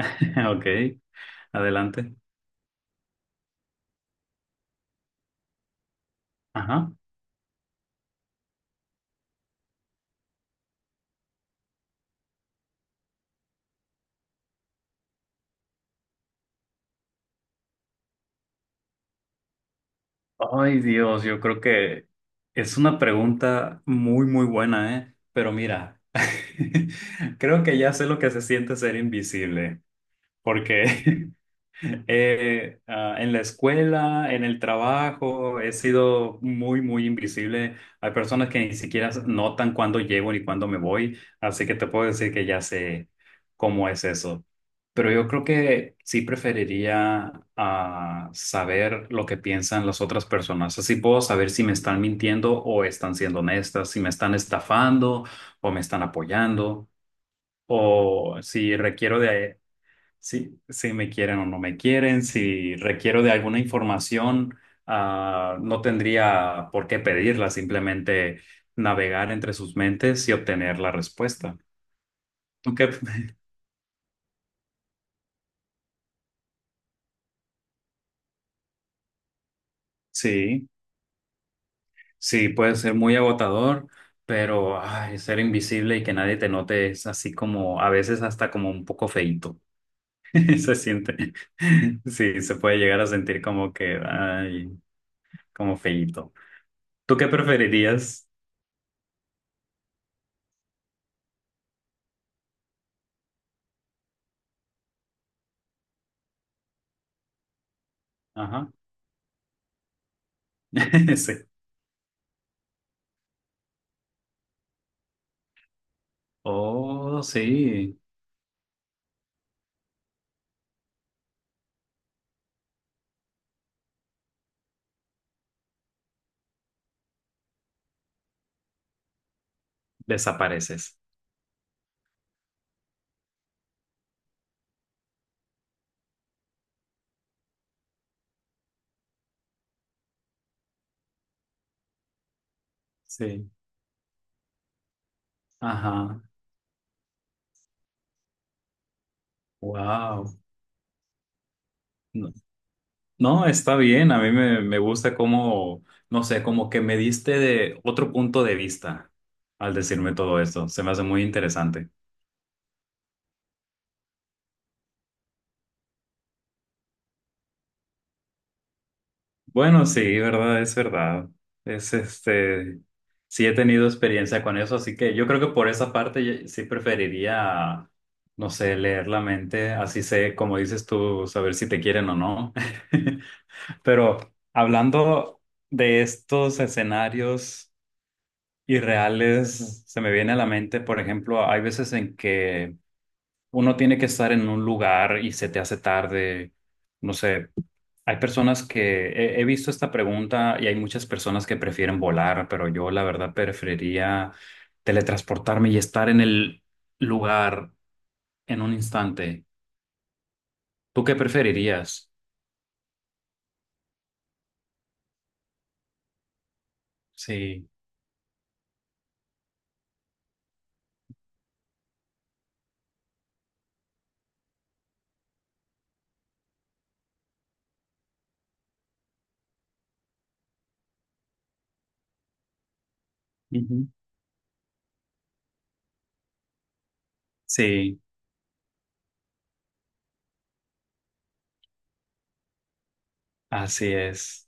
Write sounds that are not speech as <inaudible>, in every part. <laughs> Ok, adelante. Ajá. Ay, Dios, yo creo que es una pregunta muy, muy buena, ¿eh? Pero mira, <laughs> creo que ya sé lo que se siente ser invisible, porque <laughs> en la escuela, en el trabajo, he sido muy, muy invisible. Hay personas que ni siquiera notan cuándo llego ni cuándo me voy, así que te puedo decir que ya sé cómo es eso. Pero yo creo que sí preferiría saber lo que piensan las otras personas. Así puedo saber si me están mintiendo o están siendo honestas, si me están estafando o me están apoyando, o si requiero de. Sí, si me quieren o no me quieren, si requiero de alguna información, no tendría por qué pedirla, simplemente navegar entre sus mentes y obtener la respuesta. ¿Tú qué? Sí, sí, puede ser muy agotador, pero ay, ser invisible y que nadie te note es así como, a veces hasta como un poco feíto. <laughs> Se siente, sí, se puede llegar a sentir como que, ay, como feíto. ¿Tú qué preferirías? Ajá, <laughs> sí. Oh, sí, desapareces. Sí. Ajá. Wow. No, no, está bien. A mí me gusta cómo, no sé, como que me diste de otro punto de vista al decirme todo esto. Se me hace muy interesante. Bueno, sí, verdad. Es este, sí he tenido experiencia con eso, así que yo creo que por esa parte sí preferiría, no sé, leer la mente. Así sé, como dices tú, saber si te quieren o no. <laughs> Pero hablando de estos escenarios irreales, se me viene a la mente, por ejemplo, hay veces en que uno tiene que estar en un lugar y se te hace tarde. No sé, hay personas que he visto esta pregunta y hay muchas personas que prefieren volar, pero yo la verdad preferiría teletransportarme y estar en el lugar en un instante. ¿Tú qué preferirías? Sí, ujú, sí, así es.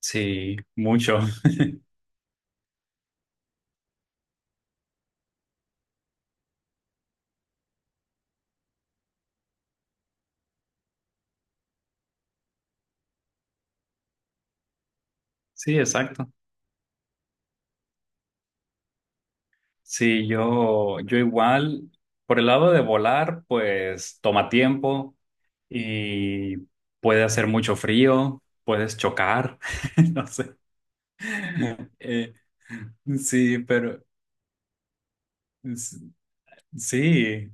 Sí, mucho. <laughs> Sí, exacto. Sí, yo igual, por el lado de volar, pues toma tiempo y puede hacer mucho frío, puedes chocar, <laughs> no sé. Eh, sí, pero s- sí,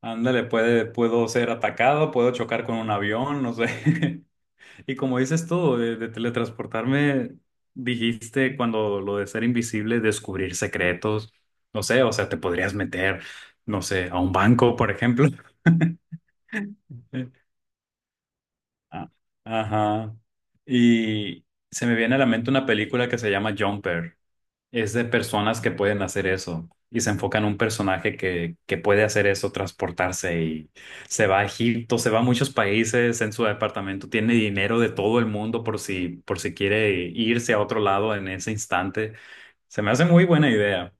ándale, puedo ser atacado, puedo chocar con un avión, no sé. <laughs> Y como dices tú, de teletransportarme, dijiste cuando lo de ser invisible, descubrir secretos, no sé, o sea, te podrías meter, no sé, a un banco, por ejemplo. <laughs> Ah, ajá. Y se me viene a la mente una película que se llama Jumper, es de personas que pueden hacer eso y se enfoca en un personaje que puede hacer eso, transportarse, y se va a Egipto, se va a muchos países en su departamento, tiene dinero de todo el mundo por si quiere irse a otro lado en ese instante. Se me hace muy buena idea.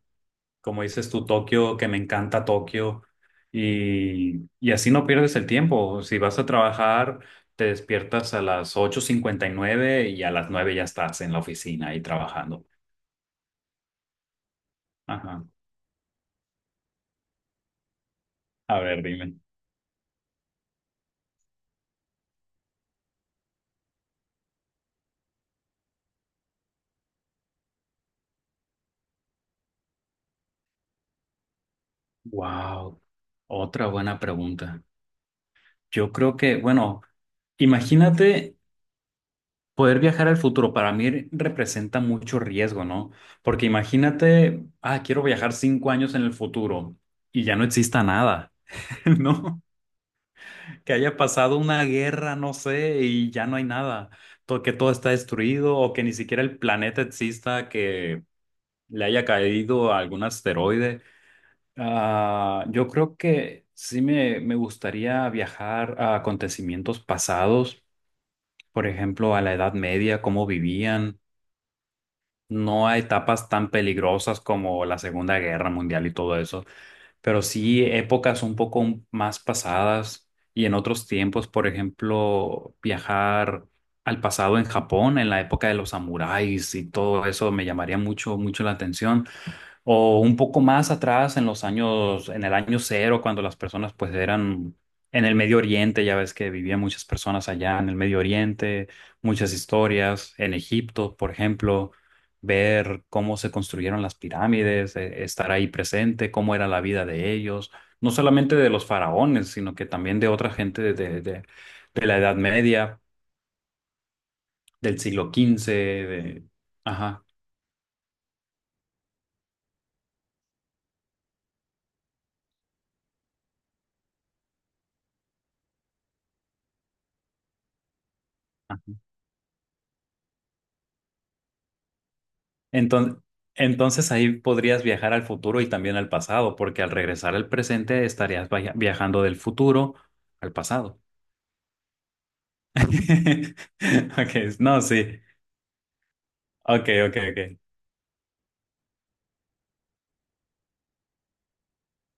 Como dices tú, Tokio, que me encanta Tokio. Y así no pierdes el tiempo. Si vas a trabajar, te despiertas a las 8:59 y a las 9 ya estás en la oficina y trabajando. Ajá. A ver, dime. Wow, otra buena pregunta. Yo creo que, bueno, imagínate poder viajar al futuro. Para mí representa mucho riesgo, ¿no? Porque imagínate, quiero viajar 5 años en el futuro y ya no exista nada, <laughs> ¿no? Que haya pasado una guerra, no sé, y ya no hay nada. Que todo está destruido o que ni siquiera el planeta exista, que le haya caído algún asteroide. Ah, yo creo que sí me gustaría viajar a acontecimientos pasados, por ejemplo, a la Edad Media, cómo vivían, no a etapas tan peligrosas como la Segunda Guerra Mundial y todo eso, pero sí épocas un poco más pasadas y en otros tiempos, por ejemplo, viajar al pasado en Japón, en la época de los samuráis, y todo eso me llamaría mucho, mucho la atención. O un poco más atrás, en el año cero, cuando las personas pues eran en el Medio Oriente, ya ves que vivían muchas personas allá en el Medio Oriente, muchas historias, en Egipto, por ejemplo, ver cómo se construyeron las pirámides, estar ahí presente, cómo era la vida de ellos, no solamente de los faraones, sino que también de otra gente, de de la Edad Media, del siglo XV de. Ajá. Entonces, entonces ahí podrías viajar al futuro y también al pasado, porque al regresar al presente estarías viajando del futuro al pasado. <laughs> Okay, no, sí. Okay, okay, okay.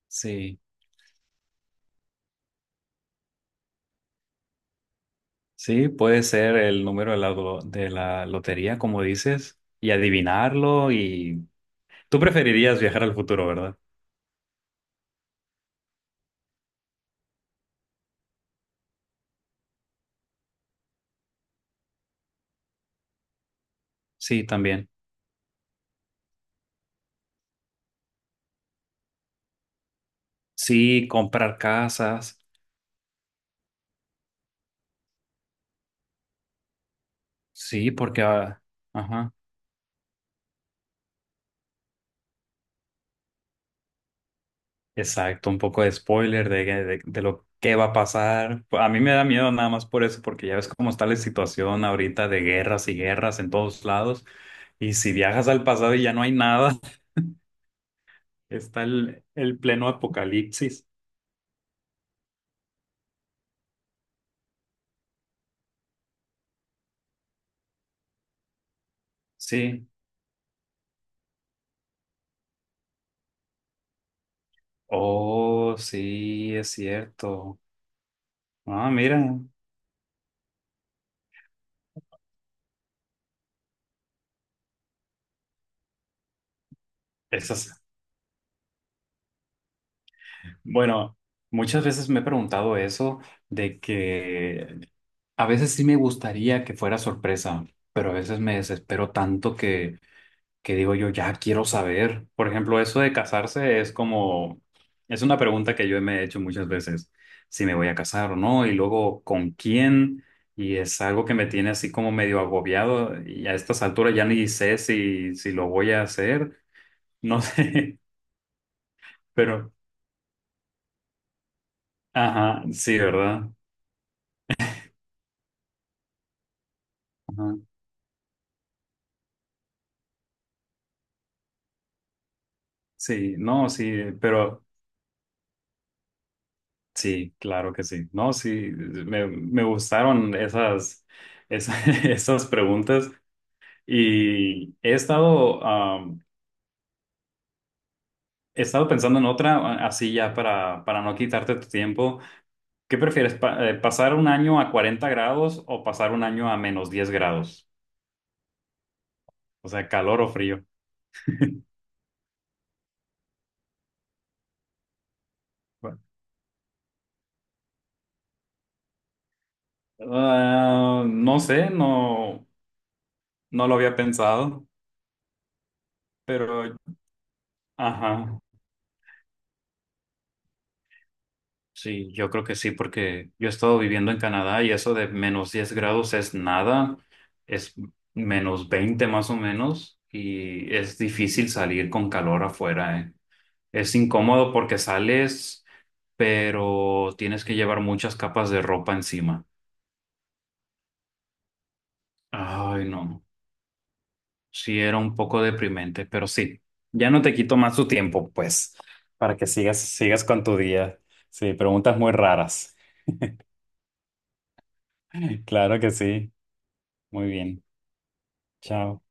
Sí, sí, puede ser el número de la lotería, como dices, y adivinarlo, y tú preferirías viajar al futuro, ¿verdad? Sí, también. Sí, comprar casas. Sí, porque ah, ajá. Exacto, un poco de spoiler de lo que va a pasar. A mí me da miedo nada más por eso, porque ya ves cómo está la situación ahorita de guerras y guerras en todos lados. Y si viajas al pasado y ya no hay nada, <laughs> está el pleno apocalipsis. Sí. Oh, sí, es cierto. Ah, mira, esas. Bueno, muchas veces me he preguntado eso de que a veces sí me gustaría que fuera sorpresa, pero a veces me desespero tanto que digo yo, ya quiero saber. Por ejemplo, eso de casarse es como, es una pregunta que yo me he hecho muchas veces, si me voy a casar o no, y luego con quién, y es algo que me tiene así como medio agobiado, y a estas alturas ya ni sé si lo voy a hacer, no <laughs> sé, pero, ajá, sí, ¿verdad? Ajá. Sí, no, sí, pero sí, claro que sí, no, sí, me gustaron esas, <laughs> esas preguntas. Y he estado pensando en otra, así ya para no quitarte tu tiempo. ¿Qué prefieres, pasar un año a 40 grados o pasar un año a -10 grados? O sea, calor o frío. Bueno. Ah, no sé, no lo había pensado, pero, ajá. Sí, yo creo que sí, porque yo he estado viviendo en Canadá y eso de -10 grados es nada, es -20 más o menos, y es difícil salir con calor afuera, ¿eh? Es incómodo porque sales, pero tienes que llevar muchas capas de ropa encima. Ay, no, sí era un poco deprimente, pero sí, ya no te quito más tu tiempo, pues, para que sigas, con tu día. Sí, preguntas muy raras. <laughs> Claro que sí, muy bien. Chao.